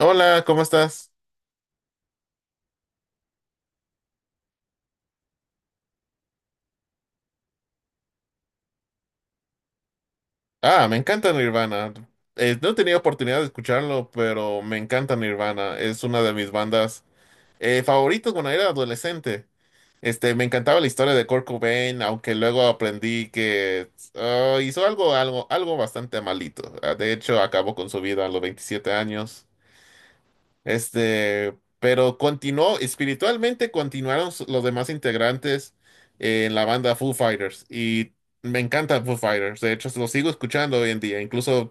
Hola, ¿cómo estás? Ah, me encanta Nirvana. No he tenido oportunidad de escucharlo, pero me encanta Nirvana. Es una de mis bandas favoritas cuando era adolescente. Me encantaba la historia de Kurt Cobain, aunque luego aprendí que ah, hizo algo bastante malito. Ah, de hecho, acabó con su vida a los 27 años. Pero continuó, espiritualmente continuaron los demás integrantes en la banda Foo Fighters. Y me encanta Foo Fighters. De hecho, lo sigo escuchando hoy en día. Incluso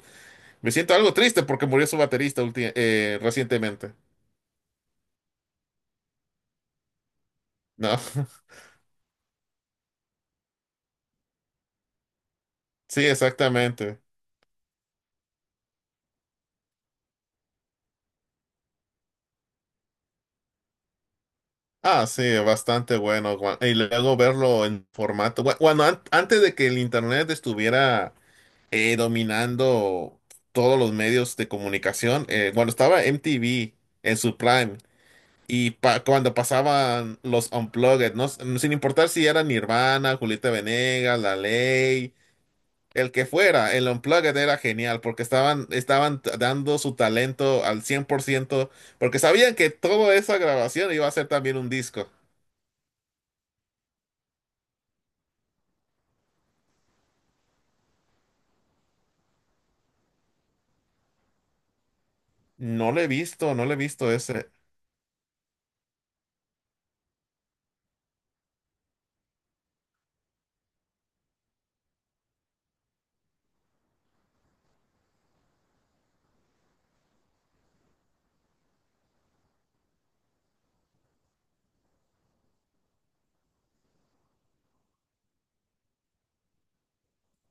me siento algo triste porque murió su baterista recientemente. No, sí, exactamente. Ah, sí, bastante bueno. Y luego verlo en formato. Bueno, antes de que el internet estuviera dominando todos los medios de comunicación, cuando estaba MTV en su prime. Y cuando pasaban los Unplugged, ¿no? Sin importar si era Nirvana, Julieta Venegas, La Ley, el que fuera, el Unplugged era genial porque estaban dando su talento al 100% porque sabían que toda esa grabación iba a ser también un disco. No lo he visto, no lo he visto ese.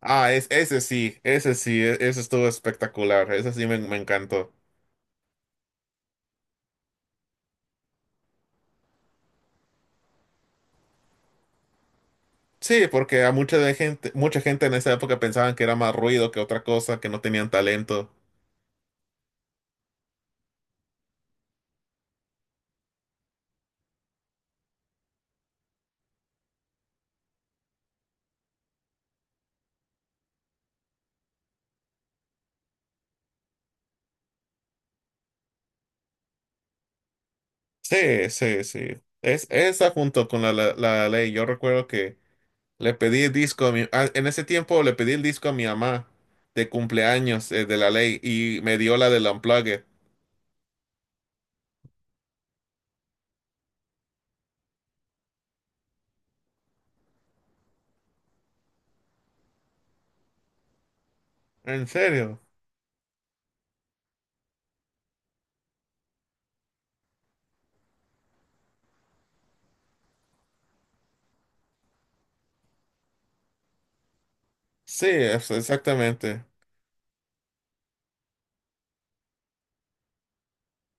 Ah, ese sí, ese sí, ese estuvo espectacular, ese sí me encantó. Sí, porque a mucha de gente, mucha gente en esa época pensaban que era más ruido que otra cosa, que no tenían talento. Sí, sí, sí. Es esa junto con la ley. Yo recuerdo que le pedí el disco a mi... ah, en ese tiempo le pedí el disco a mi mamá de cumpleaños de la ley y me dio la del Unplugged. ¿En serio? Sí, exactamente.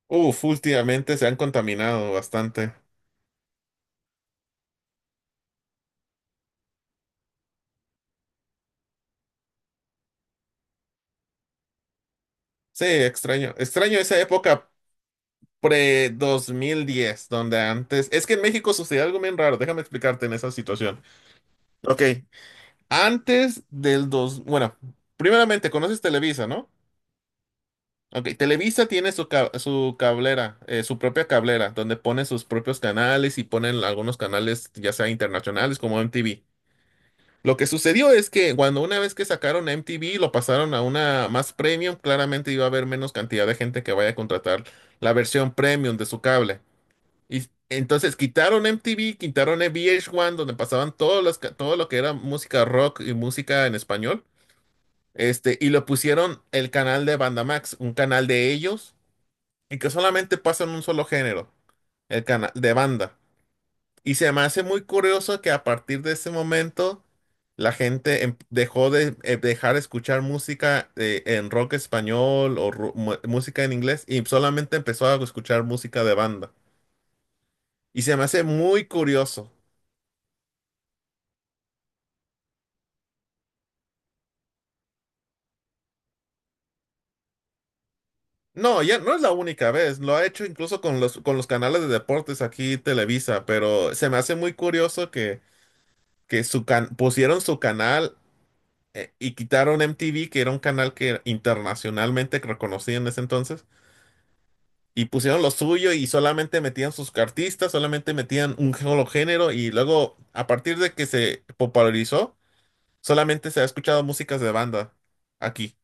Uf, últimamente se han contaminado bastante. Sí, extraño. Extraño esa época pre 2010 donde antes. Es que en México sucedió algo bien raro. Déjame explicarte en esa situación. Ok. Antes del dos, bueno, primeramente conoces Televisa, ¿no? Ok, Televisa tiene su cablera, su propia cablera, donde pone sus propios canales y ponen algunos canales, ya sea internacionales como MTV. Lo que sucedió es que cuando una vez que sacaron MTV, lo pasaron a una más premium, claramente iba a haber menos cantidad de gente que vaya a contratar la versión premium de su cable. Y entonces quitaron MTV, quitaron VH1, donde pasaban todas las todo lo que era música rock y música en español. Y lo pusieron el canal de Banda Max, un canal de ellos, y que solamente pasan un solo género, el canal de banda. Y se me hace muy curioso que a partir de ese momento la gente dejó de dejar escuchar música en rock español o música en inglés y solamente empezó a escuchar música de banda. Y se me hace muy curioso. No, ya no es la única vez, lo ha hecho incluso con con los canales de deportes aquí Televisa, pero se me hace muy curioso que pusieron su canal y quitaron MTV, que era un canal que era internacionalmente reconocido en ese entonces, y pusieron lo suyo y solamente metían sus artistas, solamente metían un solo género y luego a partir de que se popularizó, solamente se ha escuchado músicas de banda aquí.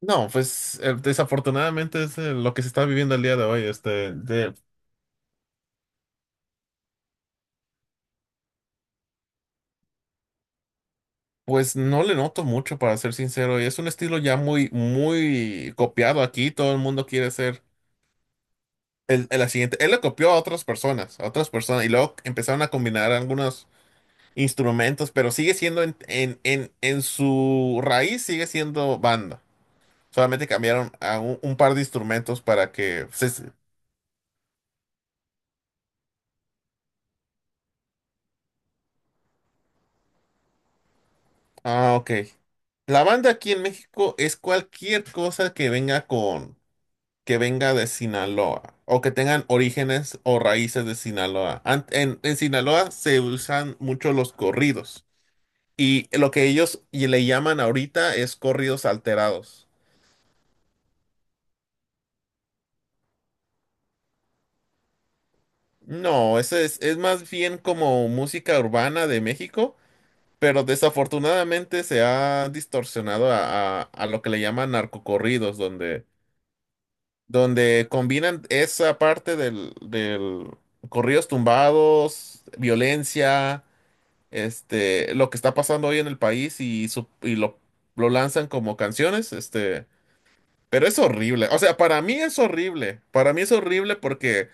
No, pues desafortunadamente es lo que se está viviendo el día de hoy, pues no le noto mucho, para ser sincero, y es un estilo ya muy copiado aquí, todo el mundo quiere ser la siguiente, él lo copió a otras personas, y luego empezaron a combinar algunos instrumentos, pero sigue siendo en su raíz, sigue siendo banda. Solamente cambiaron a un par de instrumentos para que. Ah, ok. La banda aquí en México es cualquier cosa que venga de Sinaloa o que tengan orígenes o raíces de Sinaloa. En Sinaloa se usan mucho los corridos. Y lo que ellos y le llaman ahorita es corridos alterados. No, es más bien como música urbana de México, pero desafortunadamente se ha distorsionado a lo que le llaman narcocorridos, donde combinan esa parte del corridos tumbados, violencia, lo que está pasando hoy en el país y lo lanzan como canciones. Pero es horrible. O sea, para mí es horrible. Para mí es horrible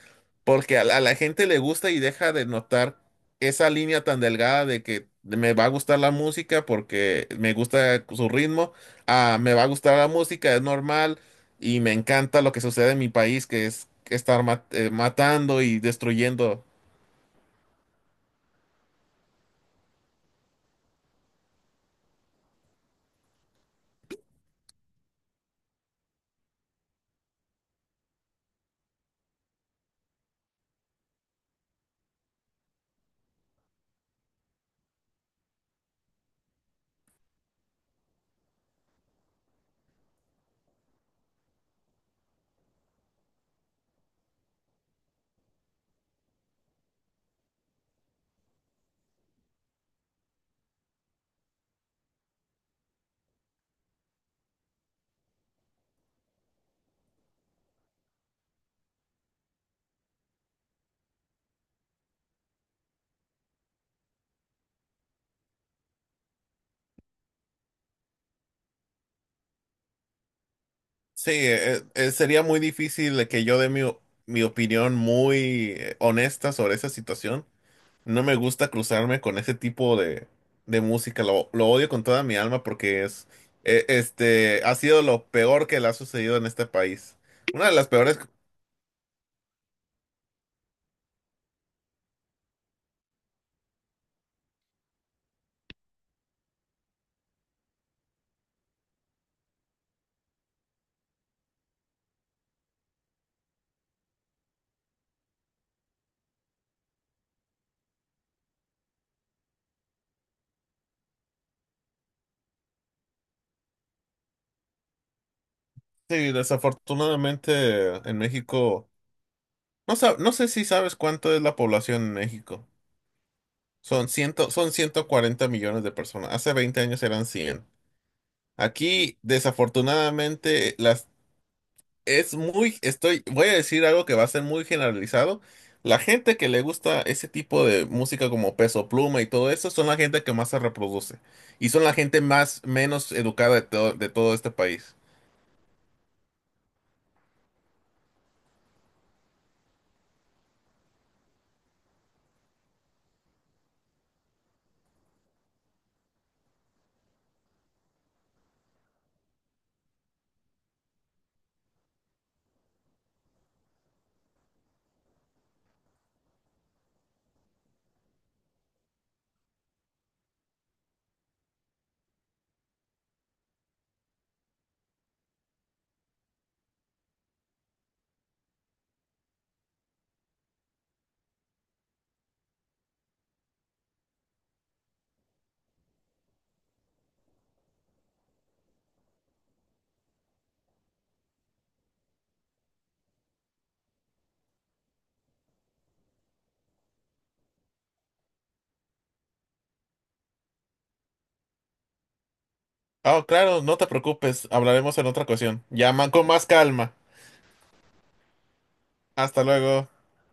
porque a la gente le gusta y deja de notar esa línea tan delgada de que me va a gustar la música porque me gusta su ritmo, ah, me va a gustar la música, es normal y me encanta lo que sucede en mi país, que es estar matando y destruyendo. Sí, sería muy difícil de que yo dé mi opinión muy honesta sobre esa situación. No me gusta cruzarme con ese tipo de música. Lo odio con toda mi alma porque ha sido lo peor que le ha sucedido en este país. Una de las peores. Sí, desafortunadamente en México, no sé si sabes cuánto es la población en México. Son 140 millones de personas. Hace 20 años eran 100. Aquí, desafortunadamente, la Es muy, estoy, voy a decir algo que va a ser muy generalizado. La gente que le gusta ese tipo de música como Peso Pluma y todo eso son la gente que más se reproduce y son la gente más menos educada de todo este país. Ah, claro, no te preocupes, hablaremos en otra ocasión. Llama con más calma. Hasta luego.